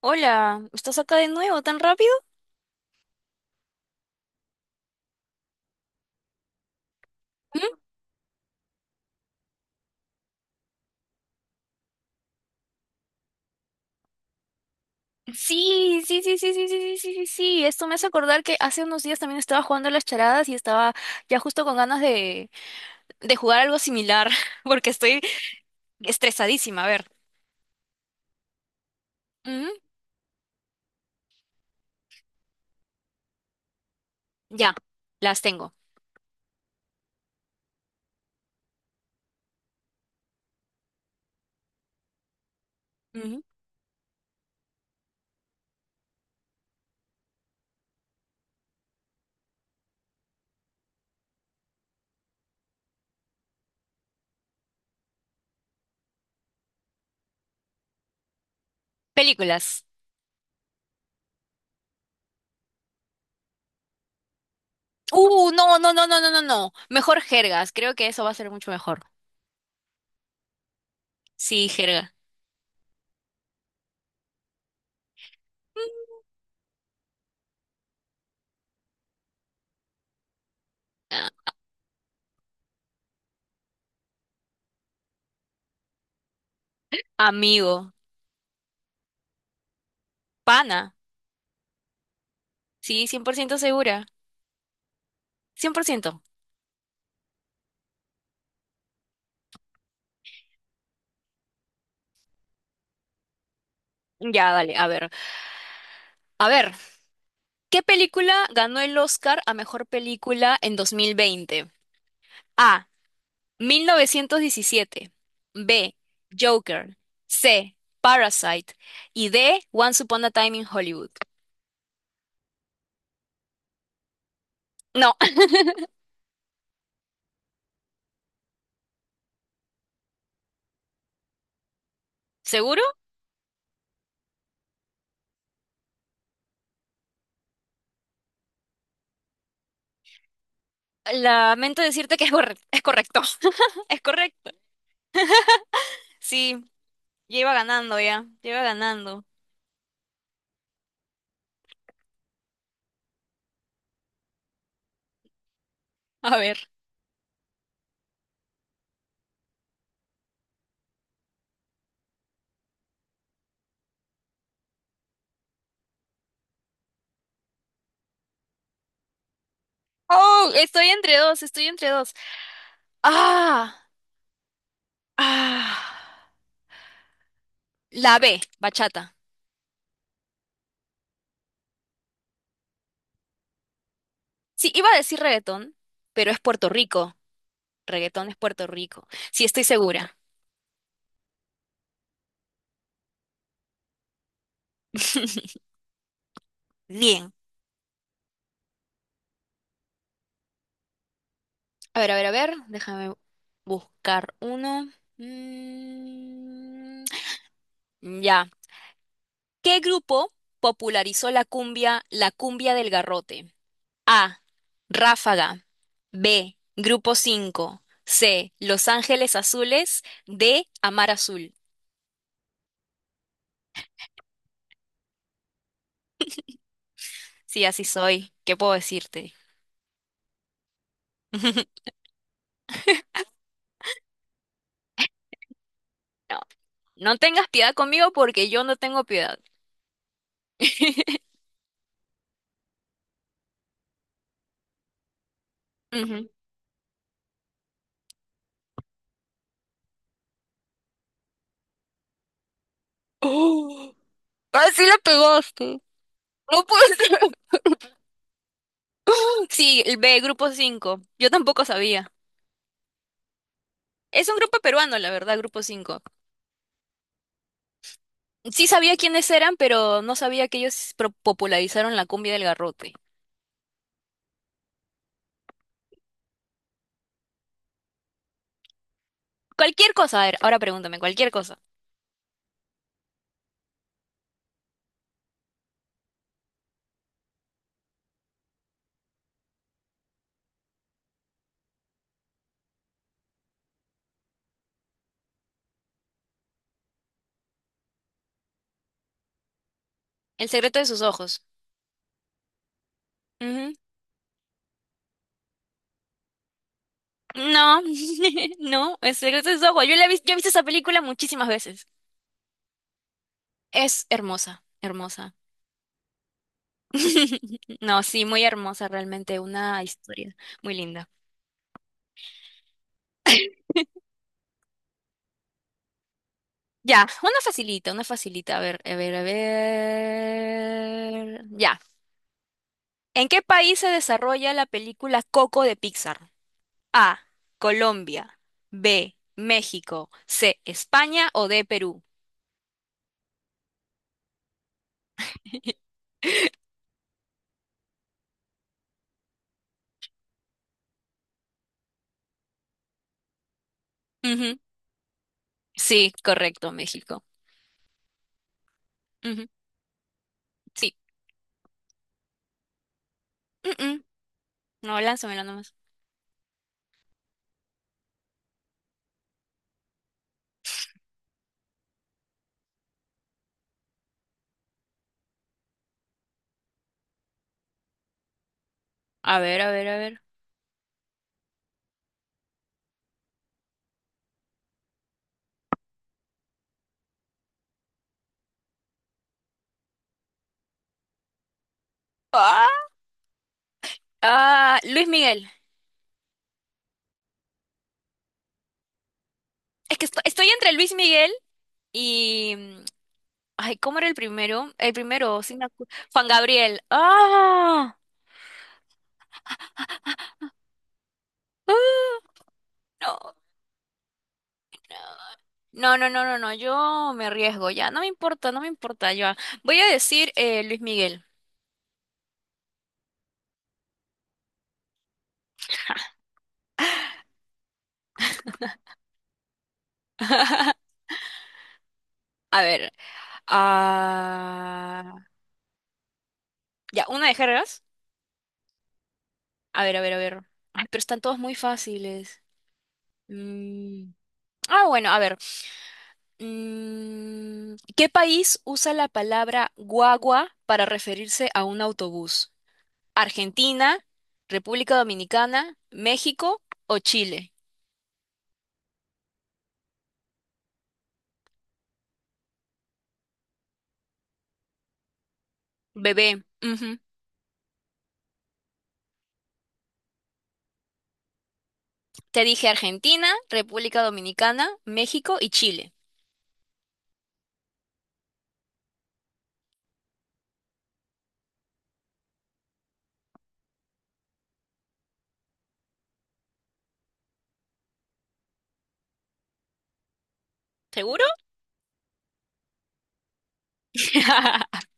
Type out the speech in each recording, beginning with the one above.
Hola, ¿estás acá de nuevo tan rápido? ¿Mm? Sí, sí, sí, sí, sí, sí, sí, sí, sí, sí. Esto me hace acordar que hace unos días también estaba jugando a las charadas y estaba ya justo con ganas de jugar algo similar, porque estoy estresadísima. A ver. Ujú, ya, las tengo. Ujú. Películas. No, no, no, no, no, no, no. Mejor jergas. Creo que eso va a ser mucho mejor. Sí, jerga. Ah, Amigo. Pana. Sí, 100% segura. 100%. Ya, dale, a ver. A ver. ¿Qué película ganó el Oscar a mejor película en 2020? A, 1917. B, Joker. C, Parasite. Y D, Once Upon a Time in Hollywood. No. ¿Seguro? Lamento decirte que es correcto. Es correcto. Es correcto. Sí, ya iba ganando ya. Ya iba ganando. A ver. Oh, estoy entre dos, estoy entre dos. Ah, ah. La B, bachata. Sí, iba a decir reggaetón, pero es Puerto Rico. Reggaetón es Puerto Rico. Sí, estoy segura. Bien. A ver, a ver, a ver. Déjame buscar uno. Mm, ya. ¿Qué grupo popularizó la cumbia del garrote? A, Ráfaga. B, Grupo 5. C, Los Ángeles Azules. D, Amar Azul. Sí, así soy. ¿Qué puedo decirte? No, no tengas piedad conmigo porque yo no tengo piedad. Ujú. Oh. Ah, sí la pegaste. No puede ser. Sí, el B, Grupo 5. Yo tampoco sabía. Es un grupo peruano, la verdad, Grupo 5. Sí sabía quiénes eran, pero no sabía que ellos popularizaron la cumbia del garrote. Cualquier cosa, a ver, ahora pregúntame, cualquier cosa. El secreto de sus ojos. Ujú. No, no, el secreto de sus ojos. Yo la he visto, yo he visto esa película muchísimas veces. Es hermosa, hermosa. No, sí, muy hermosa realmente, una historia muy linda. Ya, una facilita, una facilita. A ver, a ver, a ver. Ya. ¿En qué país se desarrolla la película Coco de Pixar? A, Colombia. B, México. C, España. O D, Perú. Ujú. Sí, correcto, México. Ujú. Sí. Mm, mm. No, lánzamelo nomás. A ver, a ver, a ver. Ah, Luis Miguel. Es que estoy entre Luis Miguel y... ay, ¿cómo era el primero? El primero, sí me Juan Gabriel. ¡Ah! No, no, no, no, no, no, yo me arriesgo ya, no me importa, no me importa. Yo voy a decir Luis Miguel. A ver, ah, ya, una de jergas. A ver, a ver, a ver. Ay, pero están todos muy fáciles. Mm, Ah, bueno, a ver. ¿Qué país usa la palabra guagua para referirse a un autobús? ¿Argentina, República Dominicana, México o Chile? Bebé. Te dije Argentina, República Dominicana, México y Chile. ¿Seguro?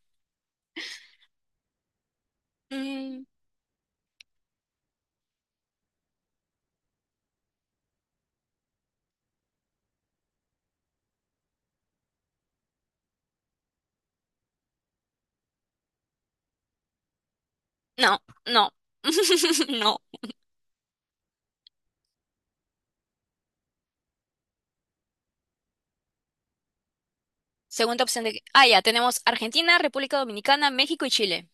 Mm, no, no, no. Segunda opción de... Ah, ya, tenemos Argentina, República Dominicana, México y Chile.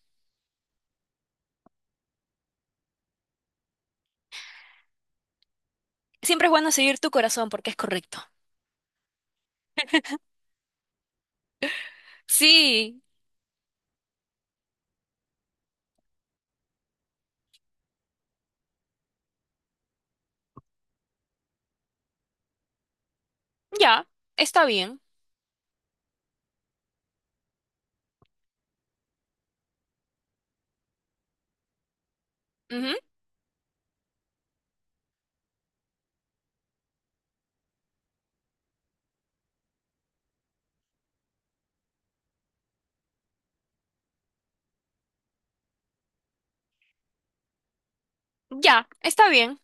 Siempre es bueno seguir tu corazón porque es correcto. Sí, ya, está bien. Ujú, ya, está bien.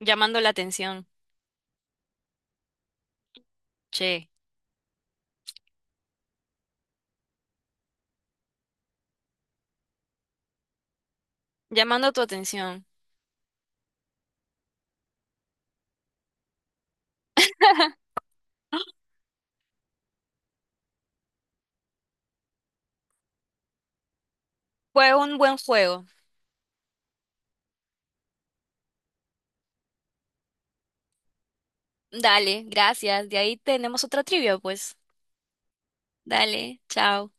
Llamando la atención. Che, llamando tu atención. Fue un buen juego. Dale, gracias. De ahí tenemos otra trivia, pues. Dale, chao.